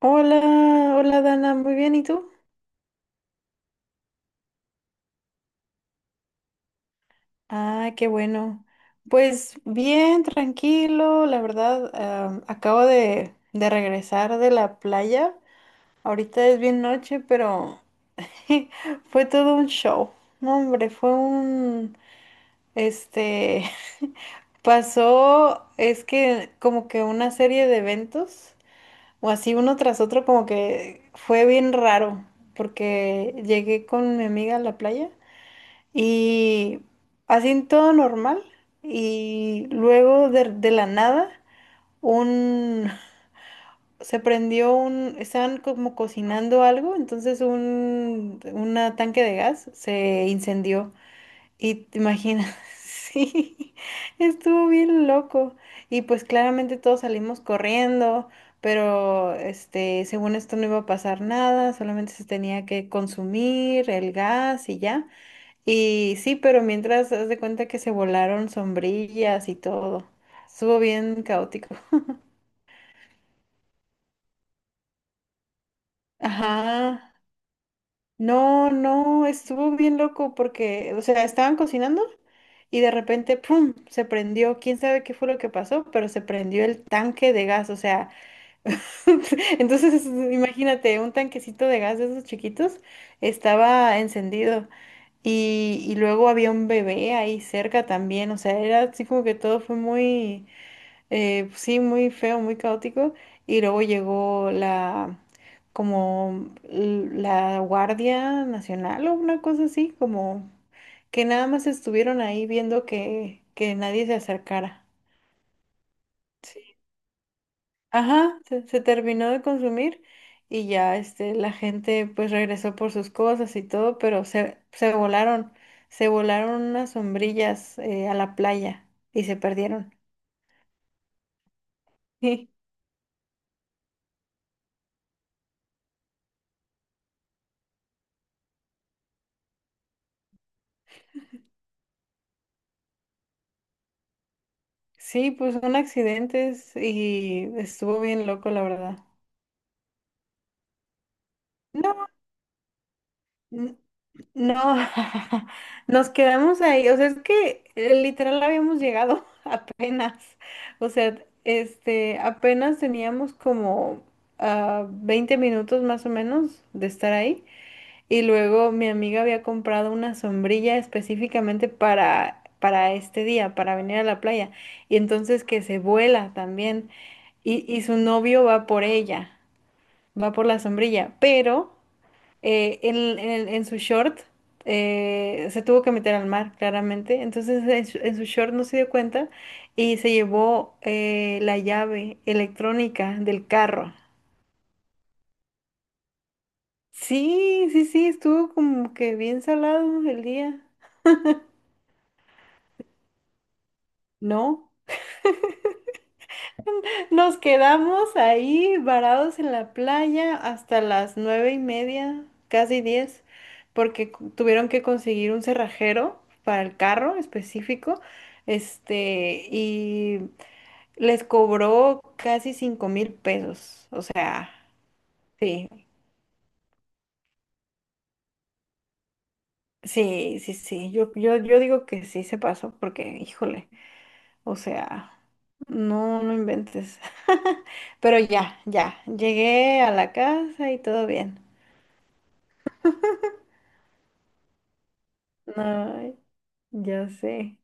Hola, hola Dana, muy bien, ¿y tú? Ah, qué bueno. Pues bien, tranquilo, la verdad, acabo de regresar de la playa. Ahorita es bien noche, pero fue todo un show. No, hombre, este, pasó, es que como que una serie de eventos, o así uno tras otro, como que fue bien raro, porque llegué con mi amiga a la playa. Y así todo normal. Y luego de la nada, un se prendió estaban como cocinando algo, entonces una tanque de gas se incendió. Y te imaginas, sí, estuvo bien loco. Y pues claramente todos salimos corriendo, pero según esto no iba a pasar nada, solamente se tenía que consumir el gas y ya. Y sí, pero mientras haz de cuenta que se volaron sombrillas y todo. Estuvo bien caótico. Ajá. No, no, estuvo bien loco porque, o sea, estaban cocinando y de repente, ¡pum! Se prendió. Quién sabe qué fue lo que pasó, pero se prendió el tanque de gas. O sea, entonces imagínate, un tanquecito de gas de esos chiquitos estaba encendido. Y luego había un bebé ahí cerca también. O sea, era así como que todo fue muy, sí, muy feo, muy caótico. Y luego llegó como la Guardia Nacional o una cosa así, como que nada más estuvieron ahí viendo que nadie se acercara. Sí. Ajá, se terminó de consumir y ya la gente pues regresó por sus cosas y todo, pero se volaron unas sombrillas a la playa y se perdieron. Sí, pues son accidentes y estuvo bien loco, la verdad. No, n- no, nos quedamos ahí, o sea, es que literal habíamos llegado apenas, o sea, apenas teníamos como 20 minutos más o menos de estar ahí y luego mi amiga había comprado una sombrilla específicamente para este día, para venir a la playa y entonces que se vuela también y su novio va por ella. Va por la sombrilla, pero en su short se tuvo que meter al mar, claramente. Entonces en su short no se dio cuenta y se llevó la llave electrónica del carro. Sí, sí, sí, estuvo como que bien salado el día, ¿no? Nos quedamos ahí varados en la playa hasta las 9:30, casi 10, porque tuvieron que conseguir un cerrajero para el carro específico, y les cobró casi 5,000 pesos. O sea, sí, sí, sí, sí. Yo digo que sí se pasó, porque, híjole, o sea, no, no inventes. Pero ya, ya, llegué a la casa y todo bien. Ay, ya sé.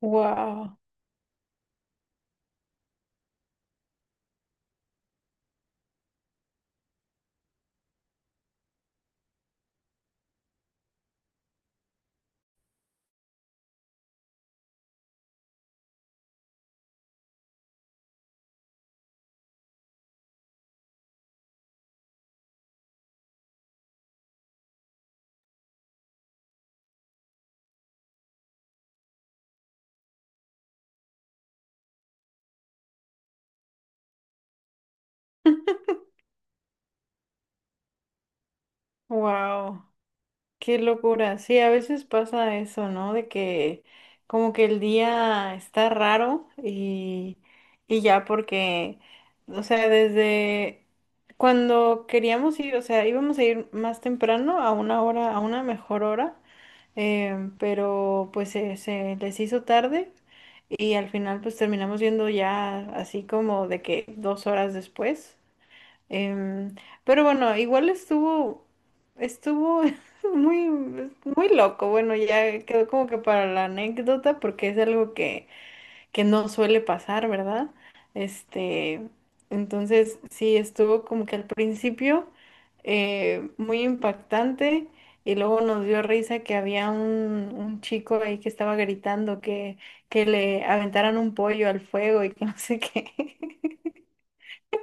Wow, wow, qué locura. Sí, a veces pasa eso, ¿no? De que como que el día está raro y ya porque, o sea, desde cuando queríamos ir, o sea, íbamos a ir más temprano a una hora, a una mejor hora, pero pues se les hizo tarde y al final pues terminamos yendo ya así como de que 2 horas después. Em, pero bueno, igual estuvo muy, muy loco. Bueno, ya quedó como que para la anécdota porque es algo que no suele pasar, ¿verdad? Este, entonces sí, estuvo como que al principio muy impactante y luego nos dio risa que había un chico ahí que estaba gritando que le aventaran un pollo al fuego y que no sé qué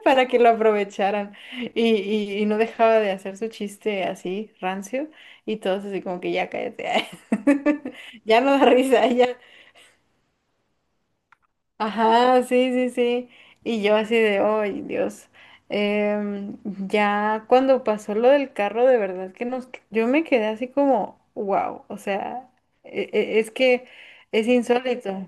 para que lo aprovecharan. Y no dejaba de hacer su chiste así, rancio, y todos así como que ya cállate. Ya no da risa, ya. Ajá, sí, sí, sí. Y yo así de, ay, Dios. Em, ya cuando pasó lo del carro, de verdad que nos, yo me quedé así como, wow, o sea, es que es insólito.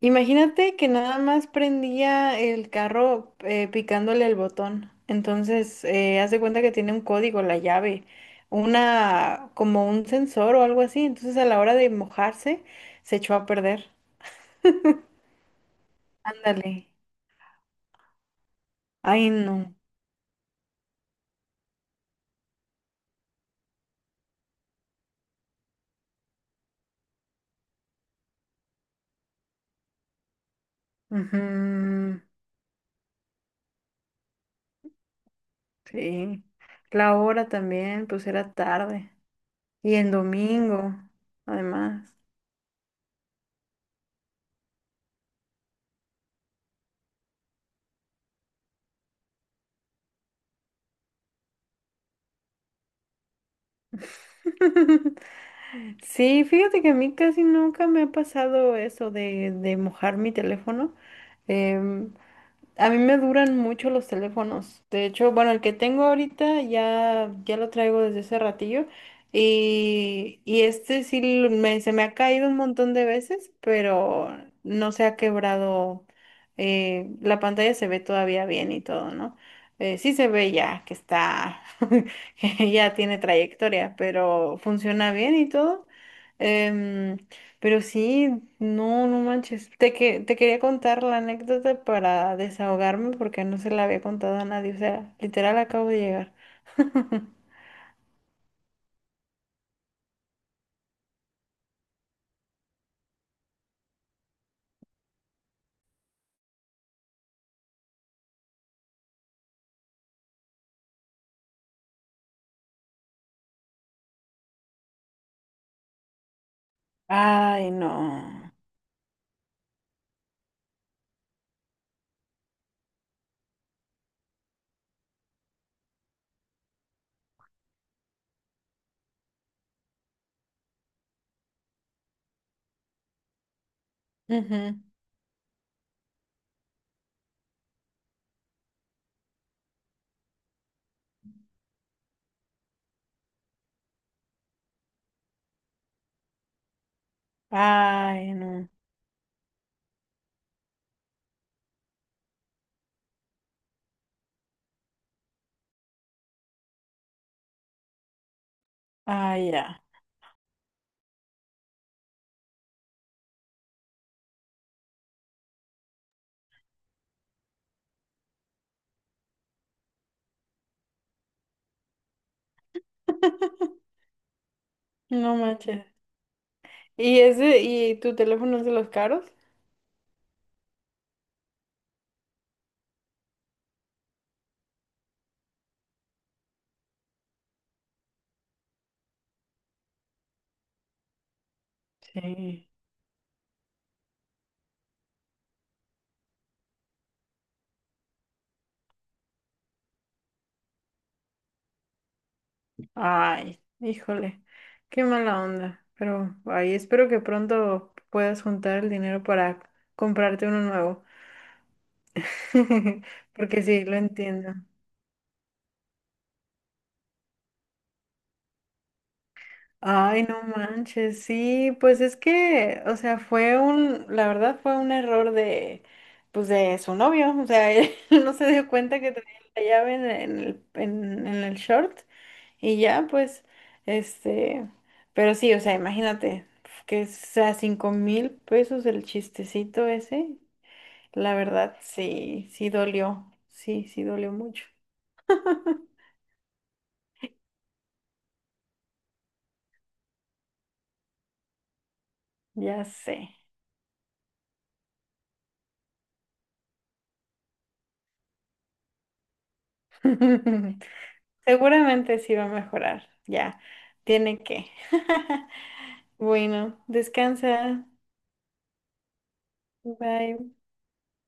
Imagínate que nada más prendía el carro picándole el botón. Entonces, haz de cuenta que tiene un código, la llave, como un sensor o algo así. Entonces, a la hora de mojarse, se echó a perder. Ándale. Ay, no. Ujú, sí. La hora también, pues era tarde. Y en domingo, además. Sí, fíjate que a mí casi nunca me ha pasado eso de mojar mi teléfono. em, a mí me duran mucho los teléfonos. De hecho, bueno, el que tengo ahorita ya lo traigo desde ese ratillo. Y este sí se me ha caído un montón de veces, pero no se ha quebrado. La pantalla se ve todavía bien y todo, ¿no? Sí se ve ya que está, que ya tiene trayectoria, pero funciona bien y todo. Em, pero sí, no, no manches. Te quería contar la anécdota para desahogarme porque no se la había contado a nadie. O sea, literal acabo de llegar. Ay, no. Ujú. Ay, no. Ay, ya. No manches. ¿Y tu teléfono es de los caros? Sí. Ay, híjole. Qué mala onda. Pero, ay, espero que pronto puedas juntar el dinero para comprarte uno nuevo. Porque sí, lo entiendo. Ay, no manches, sí, pues es que, o sea, la verdad fue un error pues de su novio, o sea, él no se dio cuenta que tenía la llave en el short y ya, pues, este, pero sí, o sea, imagínate, que sea 5,000 pesos el chistecito ese, la verdad sí, sí dolió mucho, ya sé. Seguramente sí va a mejorar. Ya, tiene que. Bueno, descansa. Bye.